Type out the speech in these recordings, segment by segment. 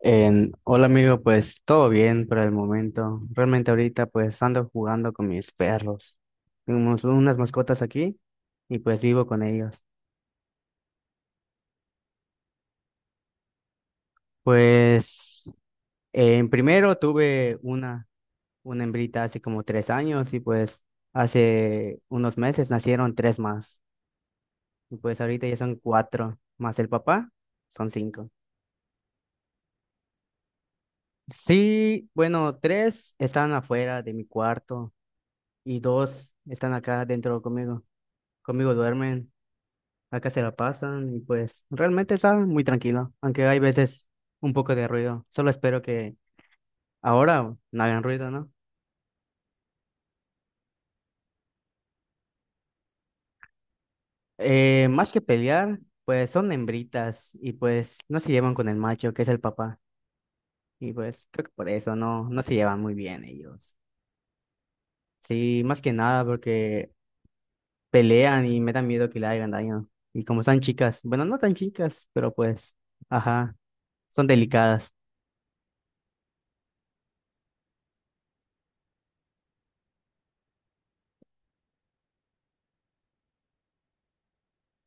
Hola amigo, pues todo bien por el momento. Realmente ahorita pues ando jugando con mis perros. Tenemos unas mascotas aquí y pues vivo con ellos. Pues en primero tuve una hembrita hace como 3 años y pues hace unos meses nacieron tres más. Y pues ahorita ya son cuatro, más el papá, son cinco. Sí, bueno, tres están afuera de mi cuarto y dos están acá dentro conmigo. Conmigo duermen, acá se la pasan y pues realmente está muy tranquilo, aunque hay veces un poco de ruido. Solo espero que ahora no hagan ruido, ¿no? Más que pelear, pues son hembritas y pues no se llevan con el macho, que es el papá. Y pues creo que por eso no, no se llevan muy bien ellos. Sí, más que nada porque pelean y me da miedo que le hagan daño. Y como están chicas, bueno, no tan chicas, pero pues, ajá, son delicadas.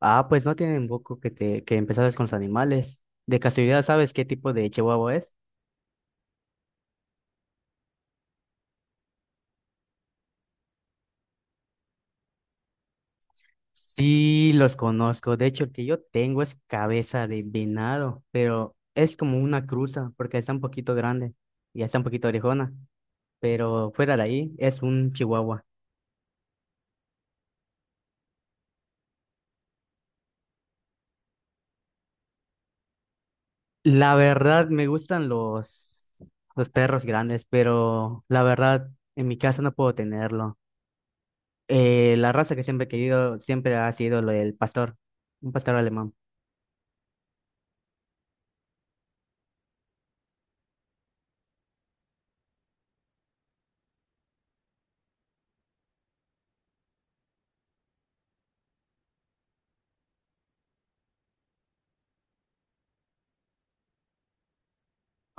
Ah, pues no tienen poco que te que empezaras con los animales. De casualidad, ¿sabes qué tipo de chihuahua es? Sí, los conozco. De hecho, el que yo tengo es cabeza de venado, pero es como una cruza porque está un poquito grande y está un poquito orejona, pero fuera de ahí es un chihuahua. La verdad me gustan los perros grandes, pero la verdad en mi casa no puedo tenerlo. La raza que siempre he querido siempre ha sido el pastor, un pastor alemán.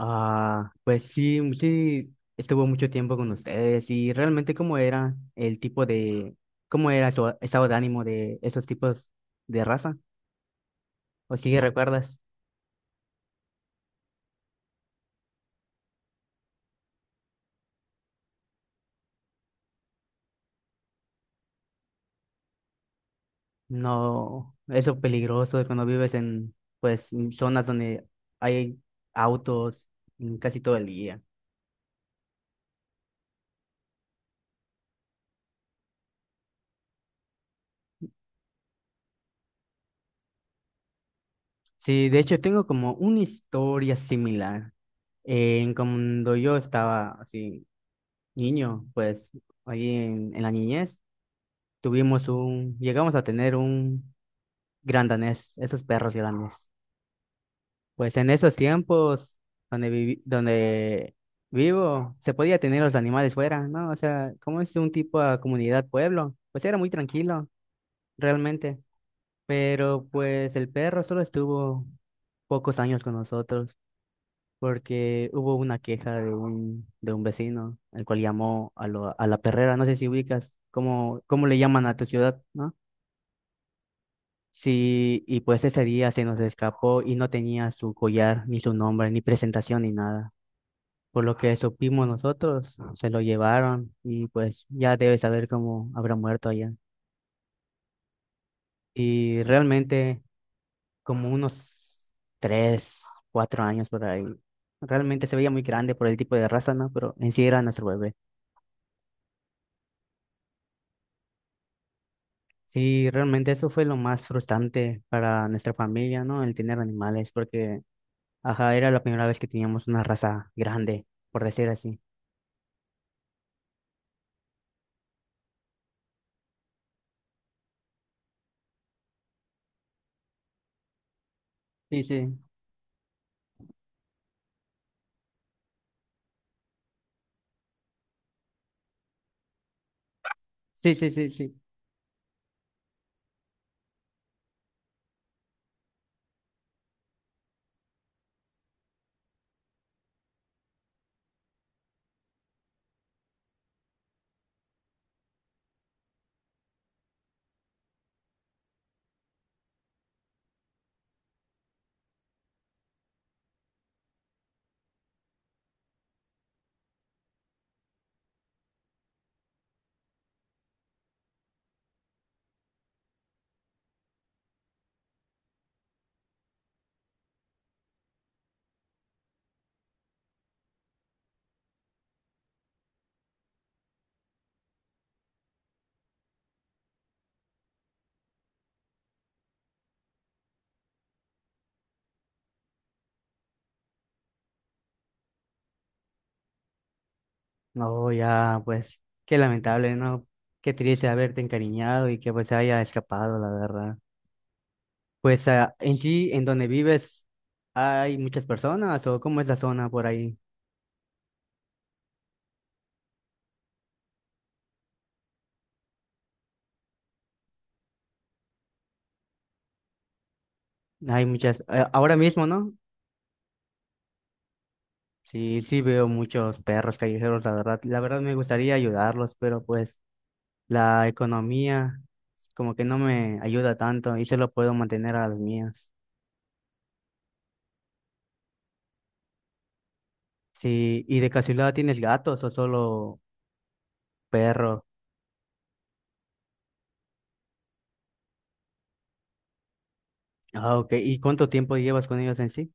Ah, pues sí, sí, estuvo mucho tiempo con ustedes y realmente cómo era el tipo de, cómo era su estado de ánimo de esos tipos de raza. O si recuerdas, no, eso peligroso de cuando vives en, pues, en zonas donde hay autos casi todo el día. Sí, de hecho tengo como una historia similar. En cuando yo estaba así, niño, pues, ahí en la niñez. Tuvimos un, llegamos a tener un gran danés, esos perros grandes. Pues en esos tiempos donde vivo, se podía tener los animales fuera, ¿no? O sea, como es un tipo de comunidad pueblo, pues era muy tranquilo, realmente. Pero pues el perro solo estuvo pocos años con nosotros porque hubo una queja de un vecino, el cual llamó a la perrera, no sé si ubicas, cómo le llaman a tu ciudad, ¿no? Sí, y pues ese día se nos escapó y no tenía su collar, ni su nombre, ni presentación, ni nada. Por lo que supimos nosotros, se lo llevaron y pues ya debe saber cómo habrá muerto allá. Y realmente como unos 3, 4 años por ahí. Realmente se veía muy grande por el tipo de raza, ¿no? Pero en sí era nuestro bebé. Sí, realmente eso fue lo más frustrante para nuestra familia, ¿no? El tener animales, porque, ajá, era la primera vez que teníamos una raza grande, por decir así. Sí, sí, sí, sí, sí, sí. No, ya, pues, qué lamentable, ¿no? Qué triste haberte encariñado y que pues se haya escapado, la verdad. Pues, ah, en sí, en donde vives, ¿hay muchas personas o cómo es la zona por ahí? Hay muchas, ahora mismo, ¿no? Sí, sí veo muchos perros callejeros, la verdad. La verdad me gustaría ayudarlos, pero pues la economía como que no me ayuda tanto y solo puedo mantener a las mías. Sí, ¿y de casualidad tienes gatos o solo perros? Ah, ok. ¿Y cuánto tiempo llevas con ellos en sí?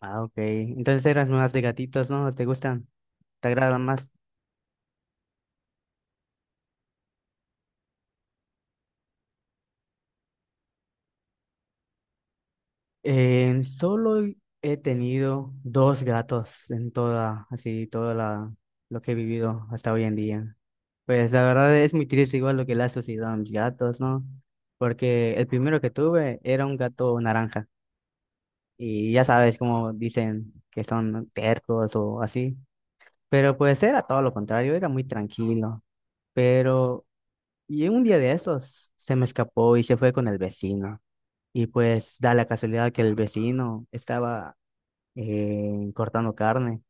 Ah, ok. Entonces eras más de gatitos, ¿no? ¿Te gustan? ¿Te agradan más? Solo he tenido dos gatos en toda, así, toda la, lo que he vivido hasta hoy en día. Pues la verdad es muy triste igual lo que le ha sucedido a mis gatos, ¿no? Porque el primero que tuve era un gato naranja. Y ya sabes cómo dicen que son tercos o así. Pero pues era todo lo contrario, era muy tranquilo. Pero Y un día de esos se me escapó y se fue con el vecino. Y pues da la casualidad que el vecino estaba cortando carne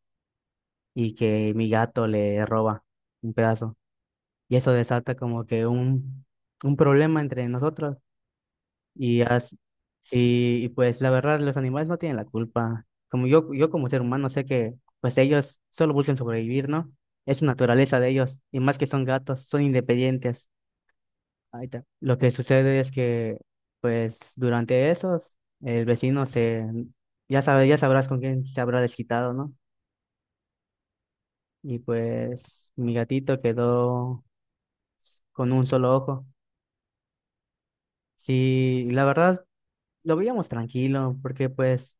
y que mi gato le roba un pedazo. Y eso desata como que un problema entre nosotros. Y as- sí, y pues la verdad los animales no tienen la culpa. Como yo como ser humano sé que pues ellos solo buscan sobrevivir, ¿no? Es su naturaleza de ellos. Y más que son gatos, son independientes. Ahí está. Lo que sucede es que, pues, durante esos, el vecino se, ya sabe, ya sabrás con quién se habrá desquitado, ¿no? Y pues, mi gatito quedó con un solo ojo. Sí, la verdad, lo veíamos tranquilo, porque pues,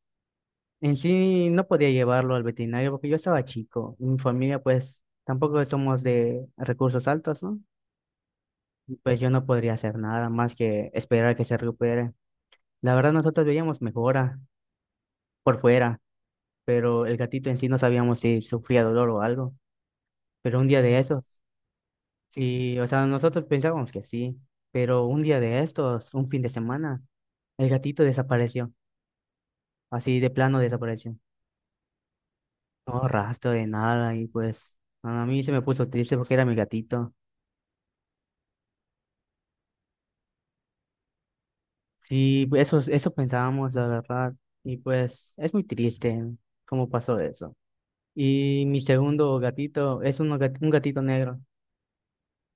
en sí no podía llevarlo al veterinario, porque yo estaba chico. Mi familia, pues, tampoco somos de recursos altos, ¿no? Y pues yo no podría hacer nada más que esperar a que se recupere. La verdad, nosotros veíamos mejora por fuera, pero el gatito en sí no sabíamos si sufría dolor o algo. Pero un día de esos, sí, o sea, nosotros pensábamos que sí, pero un día de estos, un fin de semana, el gatito desapareció, así de plano desapareció. No rastro de nada y pues a mí se me puso triste porque era mi gatito. Sí, pues, eso pensábamos, la verdad, y pues es muy triste cómo pasó eso. Y mi segundo gatito es un gatito negro.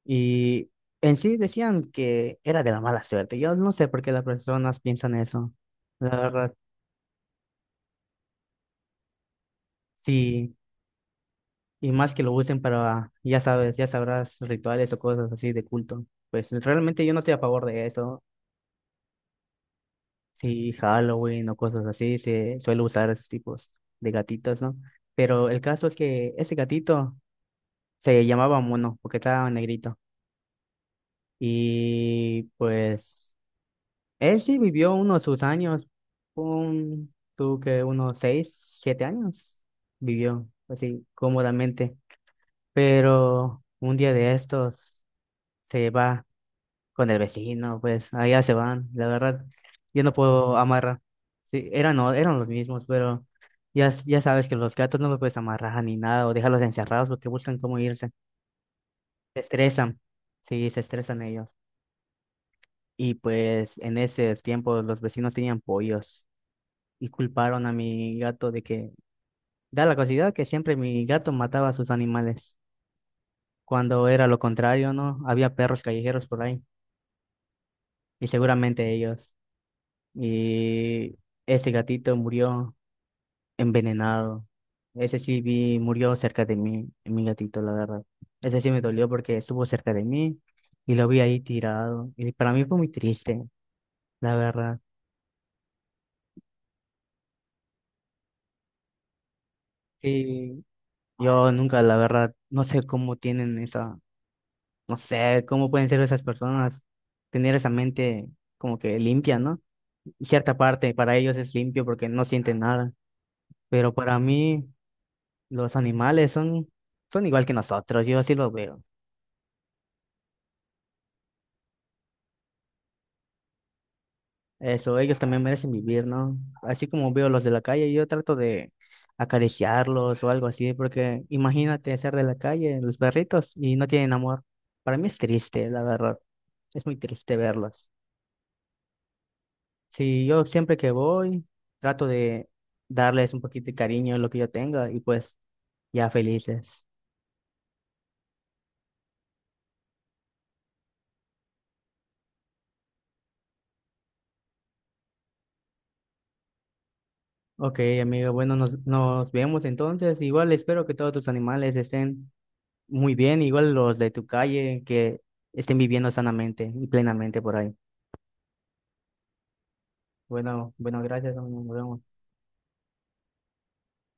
Y en sí decían que era de la mala suerte. Yo no sé por qué las personas piensan eso. La verdad, sí. Y más que lo usen para, ya sabes, ya sabrás, rituales o cosas así de culto. Pues realmente yo no estoy a favor de eso. Si Halloween o cosas así, se suele usar esos tipos de gatitos, ¿no? Pero el caso es que ese gatito se llamaba Mono, porque estaba negrito. Y pues él sí vivió unos sus años, un, tú que unos 6, 7 años vivió así cómodamente, pero un día de estos se va con el vecino, pues allá se van, la verdad, yo no puedo amarrar, sí, eran los mismos, pero ya, ya sabes que los gatos no los puedes amarrar ni nada o dejarlos encerrados porque buscan cómo irse, se estresan, sí, se estresan ellos, y pues en ese tiempo los vecinos tenían pollos, y culparon a mi gato de que da la casualidad que siempre mi gato mataba a sus animales, cuando era lo contrario, ¿no? Había perros callejeros por ahí y seguramente ellos. Y ese gatito murió envenenado. Ese sí vi, murió cerca de mí, mi gatito, la verdad. Ese sí me dolió porque estuvo cerca de mí y lo vi ahí tirado. Y para mí fue muy triste, la verdad. Sí, yo nunca, la verdad, no sé cómo tienen esa, no sé cómo pueden ser esas personas, tener esa mente como que limpia, ¿no? Y cierta parte para ellos es limpio porque no sienten nada, pero para mí los animales son, son igual que nosotros, yo así lo veo. Eso, ellos también merecen vivir, ¿no? Así como veo los de la calle, yo trato de acariciarlos o algo así, porque imagínate ser de la calle, los perritos, y no tienen amor. Para mí es triste, la verdad. Es muy triste verlos. Sí, yo siempre que voy, trato de darles un poquito de cariño en lo que yo tenga y pues ya felices. Ok, amigo, bueno, nos, nos vemos entonces. Igual espero que todos tus animales estén muy bien, igual los de tu calle, que estén viviendo sanamente y plenamente por ahí. Bueno, bueno, gracias, amigo, nos vemos.